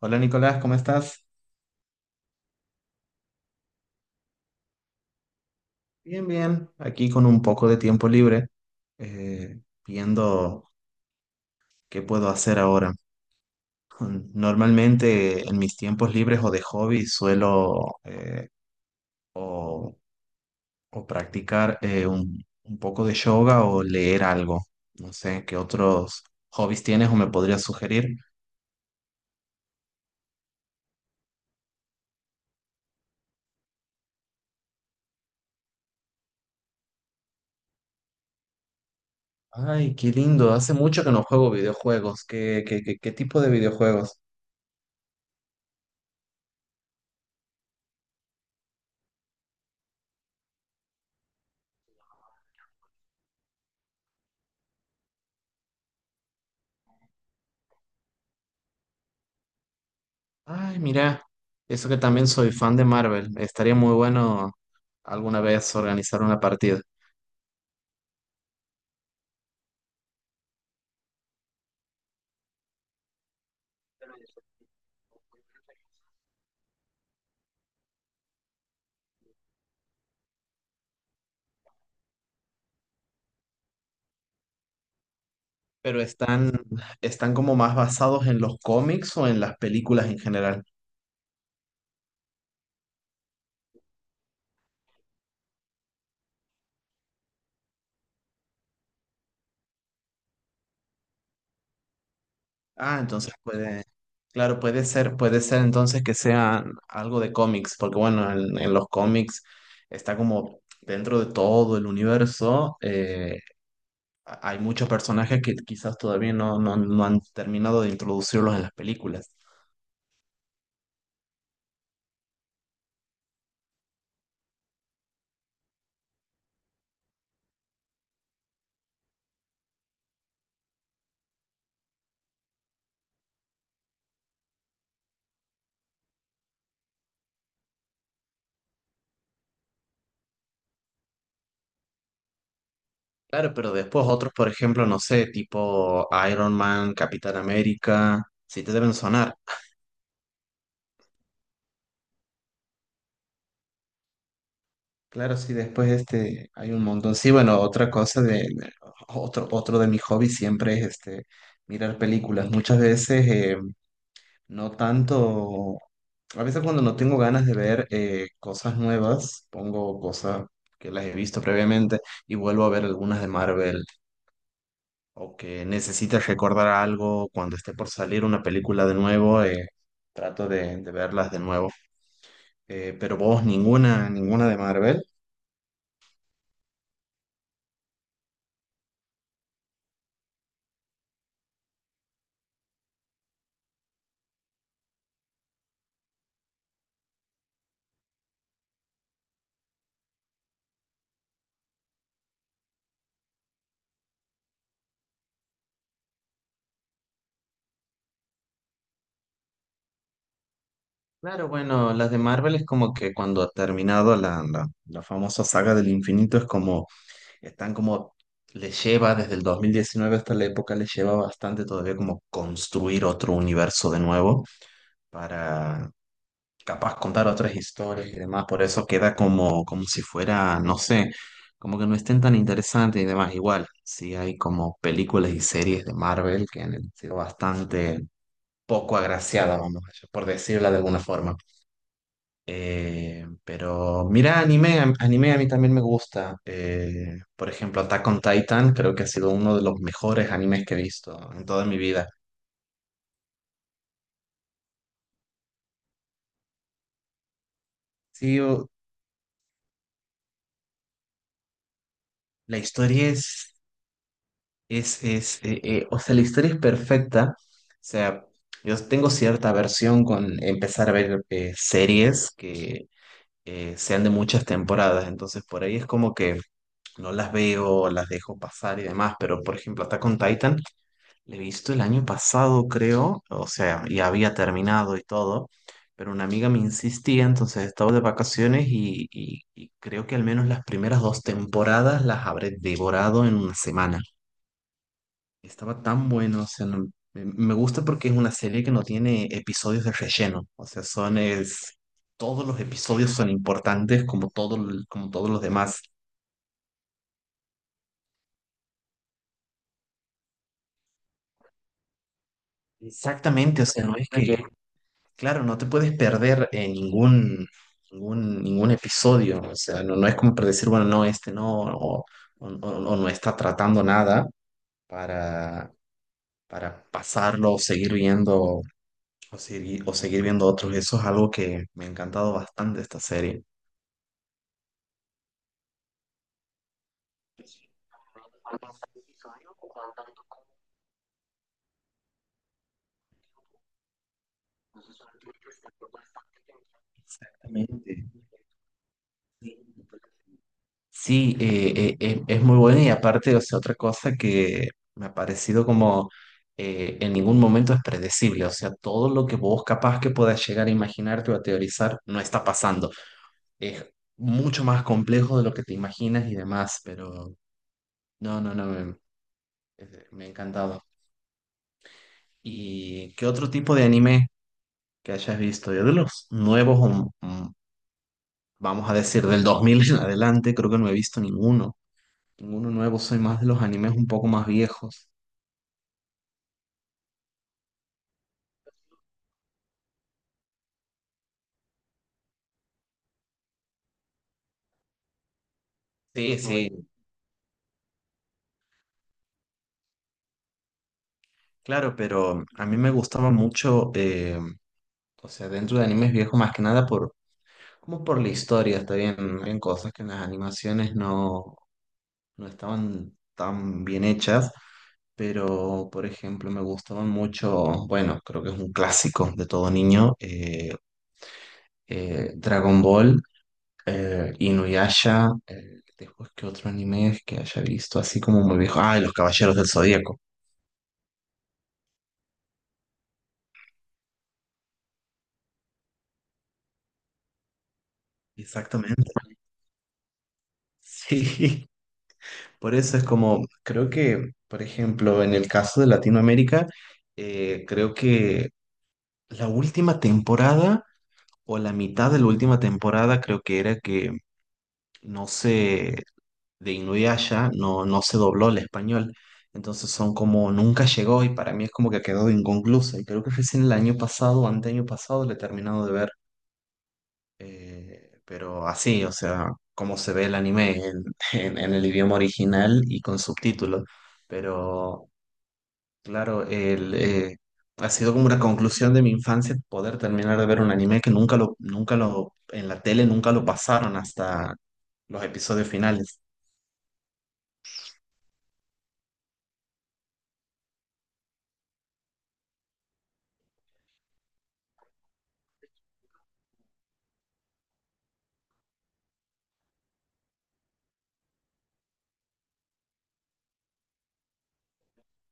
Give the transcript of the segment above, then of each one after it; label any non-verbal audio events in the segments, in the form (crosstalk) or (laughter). Hola Nicolás, ¿cómo estás? Bien, bien, aquí con un poco de tiempo libre, eh, viendo qué puedo hacer ahora. Mm, normalmente en mis tiempos libres o de hobby suelo, o, o practicar un poco de yoga o leer algo. No sé, ¿qué otros hobbies tienes o me podrías sugerir? Ay, qué lindo, hace mucho que no juego videojuegos. ¿Qué tipo de videojuegos? Ay, mira, eso que también soy fan de Marvel. Estaría muy bueno alguna vez organizar una partida. Pero están como más basados en los cómics o en las películas en general. Ah, entonces puede, claro, puede ser entonces que sea algo de cómics, porque bueno, en los cómics está como dentro de todo el universo. Hay muchos personajes que quizás todavía no han terminado de introducirlos en las películas. Claro, pero después otros, por ejemplo, no sé, tipo Iron Man, Capitán América, sí te deben sonar. Claro, sí, después este hay un montón. Sí, bueno, otra cosa otro de mis hobbies siempre es este mirar películas. Muchas veces, no tanto, a veces cuando no tengo ganas de ver cosas nuevas, pongo cosas que las he visto previamente y vuelvo a ver algunas de Marvel, o que necesites recordar algo cuando esté por salir una película de nuevo. Trato de verlas de nuevo. Pero vos, ninguna de Marvel. Claro, bueno, las de Marvel es como que cuando ha terminado la famosa saga del infinito es como, están como, les lleva desde el 2019 hasta la época, les lleva bastante todavía como construir otro universo de nuevo para, capaz contar otras historias y demás, por eso queda como, como si fuera, no sé, como que no estén tan interesantes y demás. Igual, sí hay como películas y series de Marvel que han sido bastante poco agraciadas, vamos, por decirla de alguna forma. Pero mira, anime, anime a mí también me gusta. Por ejemplo, Attack on Titan creo que ha sido uno de los mejores animes que he visto en toda mi vida. Sí, la historia es... O sea, la historia es perfecta. O sea, yo tengo cierta aversión con empezar a ver series que sean de muchas temporadas. Entonces, por ahí es como que no las veo, las dejo pasar y demás. Pero, por ejemplo, Attack on Titan, la he visto el año pasado, creo. O sea, y había terminado y todo. Pero una amiga me insistía, entonces estaba de vacaciones y creo que al menos las primeras dos temporadas las habré devorado en una semana. Estaba tan bueno, o sea, no, me gusta porque es una serie que no tiene episodios de relleno, o sea, todos los episodios son importantes como todo, como todos los demás. Exactamente, o sea, no es que... Ok, claro, no te puedes perder en ningún episodio, o sea, no, no es como para decir, bueno, no, este no, o no está tratando nada para, para pasarlo o seguir viendo otros. Eso es algo que me ha encantado bastante de esta serie. Exactamente. Sí, es muy bueno y aparte, o sea, otra cosa que me ha parecido como en ningún momento es predecible, o sea, todo lo que vos capaz que puedas llegar a imaginarte o a teorizar no está pasando. Es mucho más complejo de lo que te imaginas y demás, pero no, no, no, me, es- me ha encantado. ¿Y qué otro tipo de anime que hayas visto? Yo de los nuevos, vamos a decir, del 2000 en adelante, creo que no he visto ninguno. Ninguno nuevo, soy más de los animes un poco más viejos. Sí, sí, claro, pero a mí me gustaba mucho, o sea, dentro de animes viejos más que nada por, como por la historia, está bien, en cosas que en las animaciones no estaban tan bien hechas. Pero, por ejemplo, me gustaban mucho, bueno, creo que es un clásico de todo niño, Dragon Ball, Inuyasha, después que otro anime es que haya visto así como muy viejo. Ah, y Los Caballeros del Zodíaco. Exactamente. Sí. (laughs) Por eso es como, creo que, por ejemplo, en el caso de Latinoamérica, creo que la última temporada o la mitad de la última temporada creo que era que no sé, de Inuyasha no se dobló el español. Entonces son como nunca llegó y para mí es como que quedó inconclusa. Y creo que recién el año pasado, o anteaño pasado, le he terminado de ver. Pero así, o sea, como se ve el anime en, (laughs) en el idioma original y con subtítulos. Pero claro, ha sido como una conclusión de mi infancia poder terminar de ver un anime que nunca lo, en la tele nunca lo pasaron hasta los episodios finales.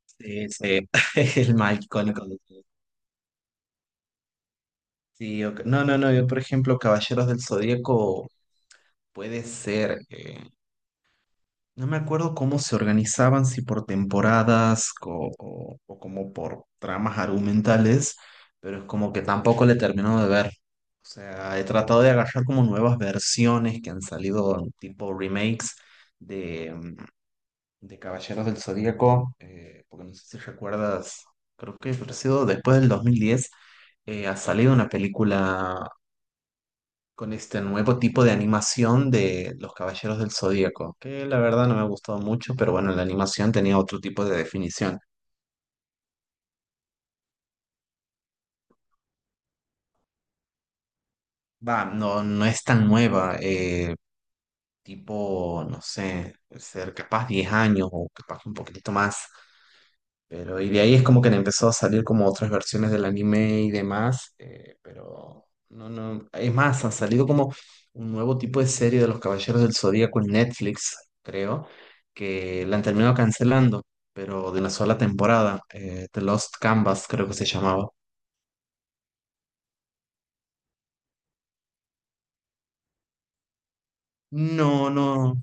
Sí, sí, (laughs) el más icónico de todos. Sí, ok. No, yo por ejemplo, Caballeros del Zodíaco puede ser, no me acuerdo cómo se organizaban, si por temporadas o como por tramas argumentales, pero es como que tampoco le termino de ver. O sea, he tratado de agarrar como nuevas versiones que han salido tipo remakes de, mm, de Caballeros del Zodíaco, porque no sé si recuerdas, creo que ha sido después del 2010, ha salido una película con este nuevo tipo de animación de Los Caballeros del Zodíaco, que la verdad no me ha gustado mucho, pero bueno, la animación tenía otro tipo de definición. Va, no, no es tan nueva, tipo, no sé, ser capaz 10 años o capaz un poquitito más. Pero, y de ahí es como que le empezó a salir como otras versiones del anime y demás, pero no, no, es más, ha salido como un nuevo tipo de serie de los Caballeros del Zodíaco en Netflix, creo, que la han terminado cancelando, pero de una sola temporada, The Lost Canvas creo que se llamaba. No, no.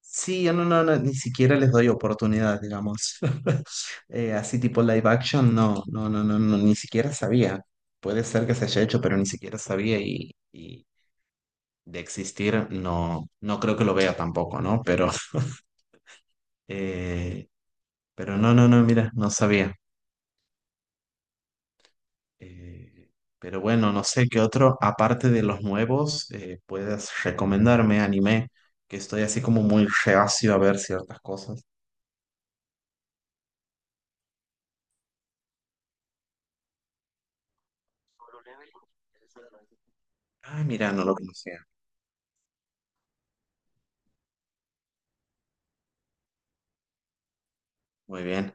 Sí, yo no, ni siquiera les doy oportunidad, digamos. (laughs) Así tipo live action, no, ni siquiera sabía. Puede ser que se haya hecho, pero ni siquiera sabía y de existir no, no creo que lo vea tampoco, ¿no? Pero, (laughs) eh, pero no, mira, no sabía. Eh, pero bueno, no sé qué otro, aparte de los nuevos, puedes recomendarme anime, que estoy así como muy reacio a ver ciertas cosas. Ah, mira, no lo conocía. Muy bien.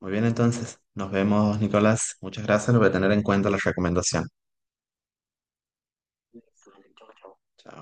Muy bien, entonces. Nos vemos, Nicolás. Muchas gracias. Lo voy a tener en cuenta la recomendación. Chao.